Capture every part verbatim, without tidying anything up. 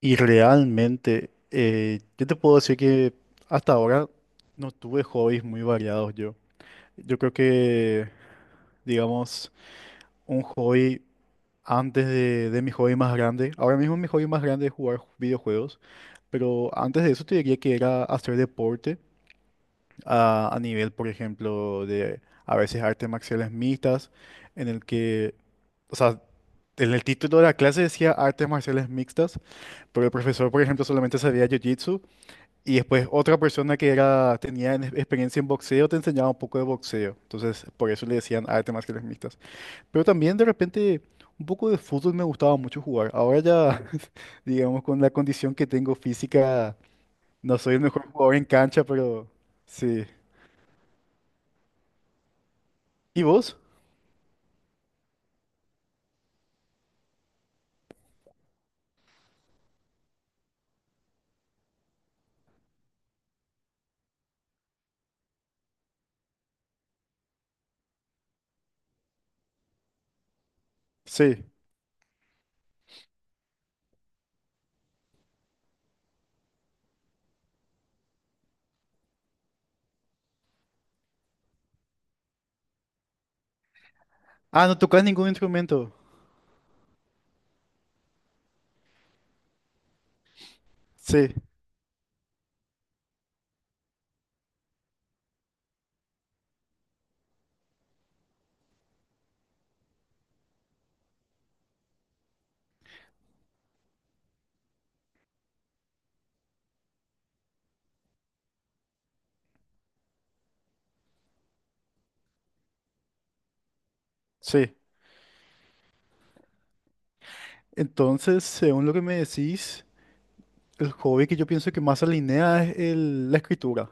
Y realmente, eh, yo te puedo decir que hasta ahora no tuve hobbies muy variados yo. Yo creo que, digamos, un hobby antes de, de mi hobby más grande, ahora mismo mi hobby más grande es jugar ju- videojuegos, pero antes de eso te diría que era hacer deporte a, a nivel, por ejemplo, de a veces artes marciales mixtas, en el que, o sea, en el título de la clase decía artes marciales mixtas, pero el profesor, por ejemplo, solamente sabía jiu-jitsu. Y después otra persona que era, tenía en- experiencia en boxeo te enseñaba un poco de boxeo. Entonces, por eso le decían artes marciales mixtas. Pero también de repente un poco de fútbol me gustaba mucho jugar. Ahora ya, digamos, con la condición que tengo física, no soy el mejor jugador en cancha, pero sí. ¿Y vos? Sí. Ah, no tocas ningún instrumento. Sí, sí. Entonces, según lo que me decís, el hobby que yo pienso que más alinea es el- la escritura.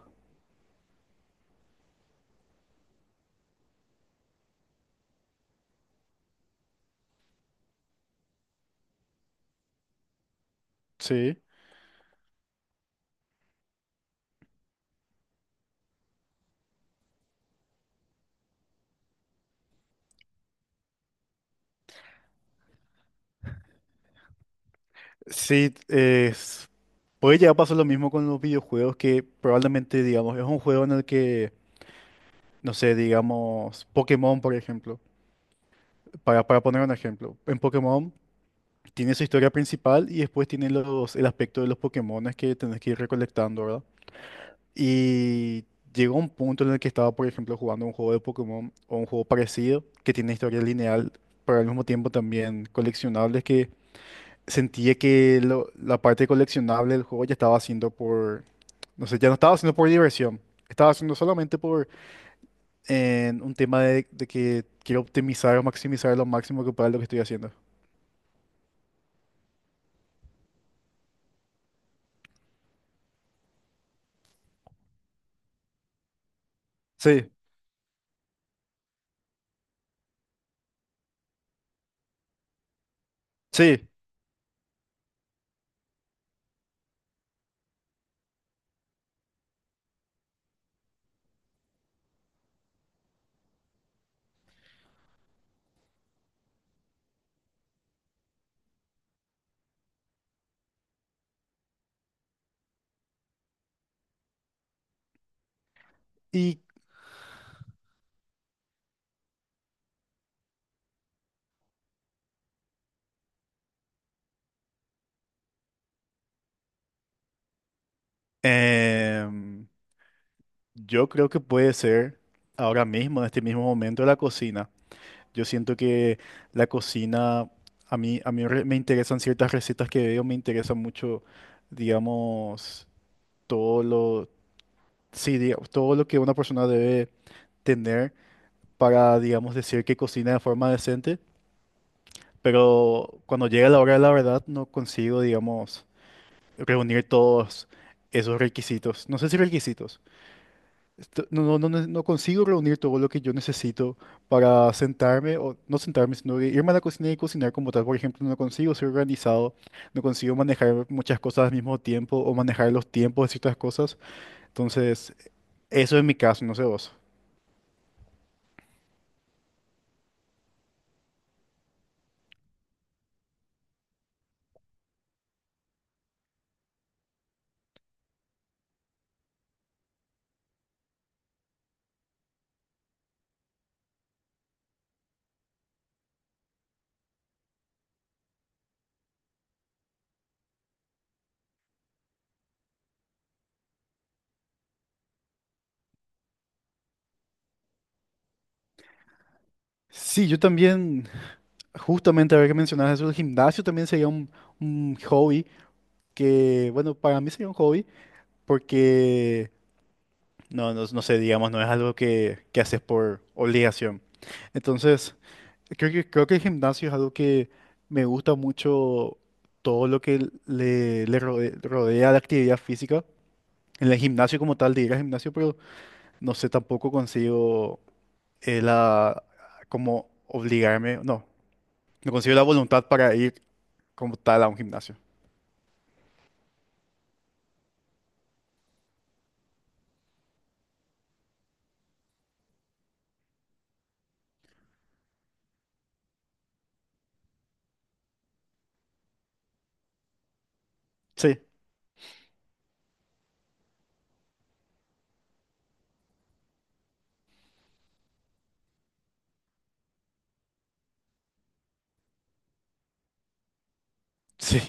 Sí. Sí, es- Puede llegar a pasar lo mismo con los videojuegos que probablemente, digamos, es un juego en el que, no sé, digamos, Pokémon, por ejemplo, para, para poner un ejemplo, en Pokémon tiene su historia principal y después tiene los, el aspecto de los Pokémones que tenés que ir recolectando, ¿verdad? Y llegó un punto en el que estaba, por ejemplo, jugando un juego de Pokémon o un juego parecido que tiene historia lineal, pero al mismo tiempo también coleccionables que sentía que lo- la parte coleccionable del juego ya estaba haciendo. No sé, ya no estaba haciendo por diversión. Estaba haciendo solamente por eh, un tema de, de que quiero optimizar o maximizar lo máximo que pueda lo que estoy haciendo. Sí, sí. Y em, yo creo que puede ser ahora mismo, en este mismo momento, la cocina. Yo siento que la cocina, a mí, a mí re- me interesan ciertas recetas que veo, me interesa mucho, digamos, todo lo, sí, diga- todo lo que una persona debe tener para, digamos, decir que cocina de forma decente, pero cuando llega la hora de la verdad no consigo, digamos, reunir todos esos requisitos. No sé si requisitos. Esto- No, no, no, ne- no consigo reunir todo lo que yo necesito para sentarme, o no sentarme, sino de irme a la cocina y cocinar como tal. Por ejemplo, no consigo ser organizado, no consigo manejar muchas cosas al mismo tiempo o manejar los tiempos de ciertas cosas. Entonces, eso es mi caso, no sé vos. Sí, yo también. Justamente, a ver que mencionas eso, el gimnasio también sería un, un hobby que, bueno, para mí sería un hobby porque, no, no, no sé, digamos, no es algo que, que haces por obligación. Entonces, creo que, creo que el gimnasio es algo que me gusta mucho todo lo que le, le rode- rodea, la actividad física. En el gimnasio como tal, de ir al gimnasio, pero no sé, tampoco consigo eh, la, como obligarme, no, no consigo la voluntad para ir como tal a un gimnasio. Sí. Sí.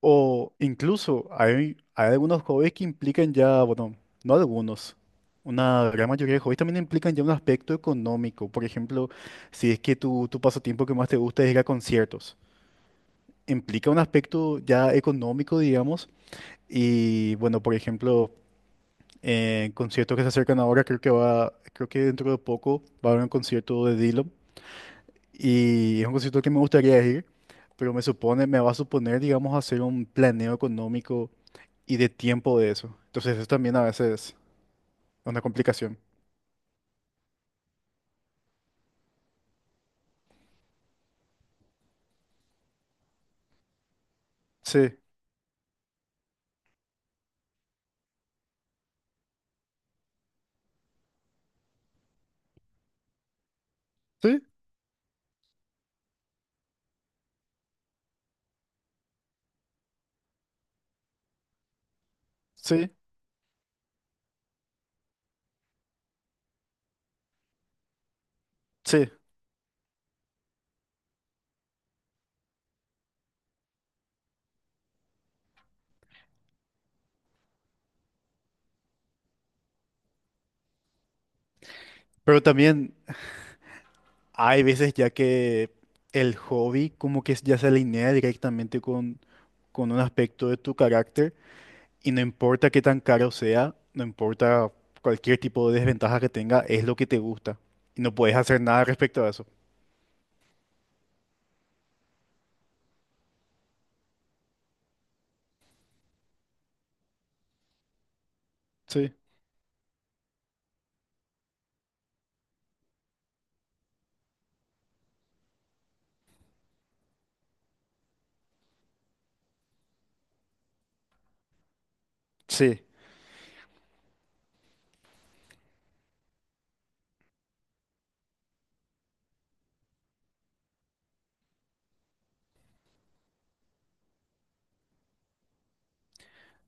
O incluso hay, hay algunos hobbies que implican ya, bueno, no algunos, una gran mayoría de hobbies también implican ya un aspecto económico. Por ejemplo, si es que tu, tu pasatiempo que más te gusta es ir a conciertos, implica un aspecto ya económico, digamos. Y bueno, por ejemplo, en conciertos que se acercan ahora, creo que va, creo que dentro de poco va a haber un concierto de Dylan. Y es un concierto que me gustaría ir, pero me supone, me va a suponer, digamos, hacer un planeo económico y de tiempo de eso. Entonces eso también a veces es una complicación. Sí, sí, sí, sí. Pero también hay veces ya que el hobby como que ya se alinea directamente con, con un aspecto de tu carácter y no importa qué tan caro sea, no importa cualquier tipo de desventaja que tenga, es lo que te gusta y no puedes hacer nada respecto a eso. Sí, sí.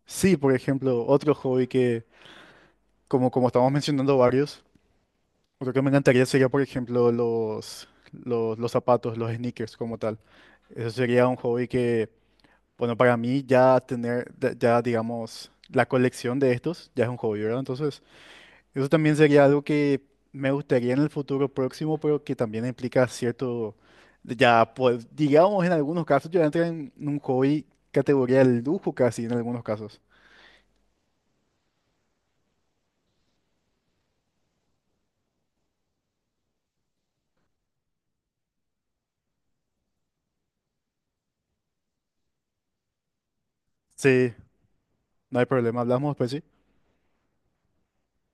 Sí, por ejemplo, otro hobby que, como, como estamos mencionando varios, otro que me encantaría sería, por ejemplo, los, los, los zapatos, los sneakers como tal. Eso sería un hobby que, bueno, para mí ya tener, de- ya digamos, la colección de estos ya es un hobby, ¿verdad? Entonces, eso también sería algo que me gustaría en el futuro próximo, pero que también implica cierto, ya, pues, digamos, en algunos casos ya entra en un hobby categoría de lujo casi, en algunos casos. Sí, no hay problema, hablamos después, ¿sí?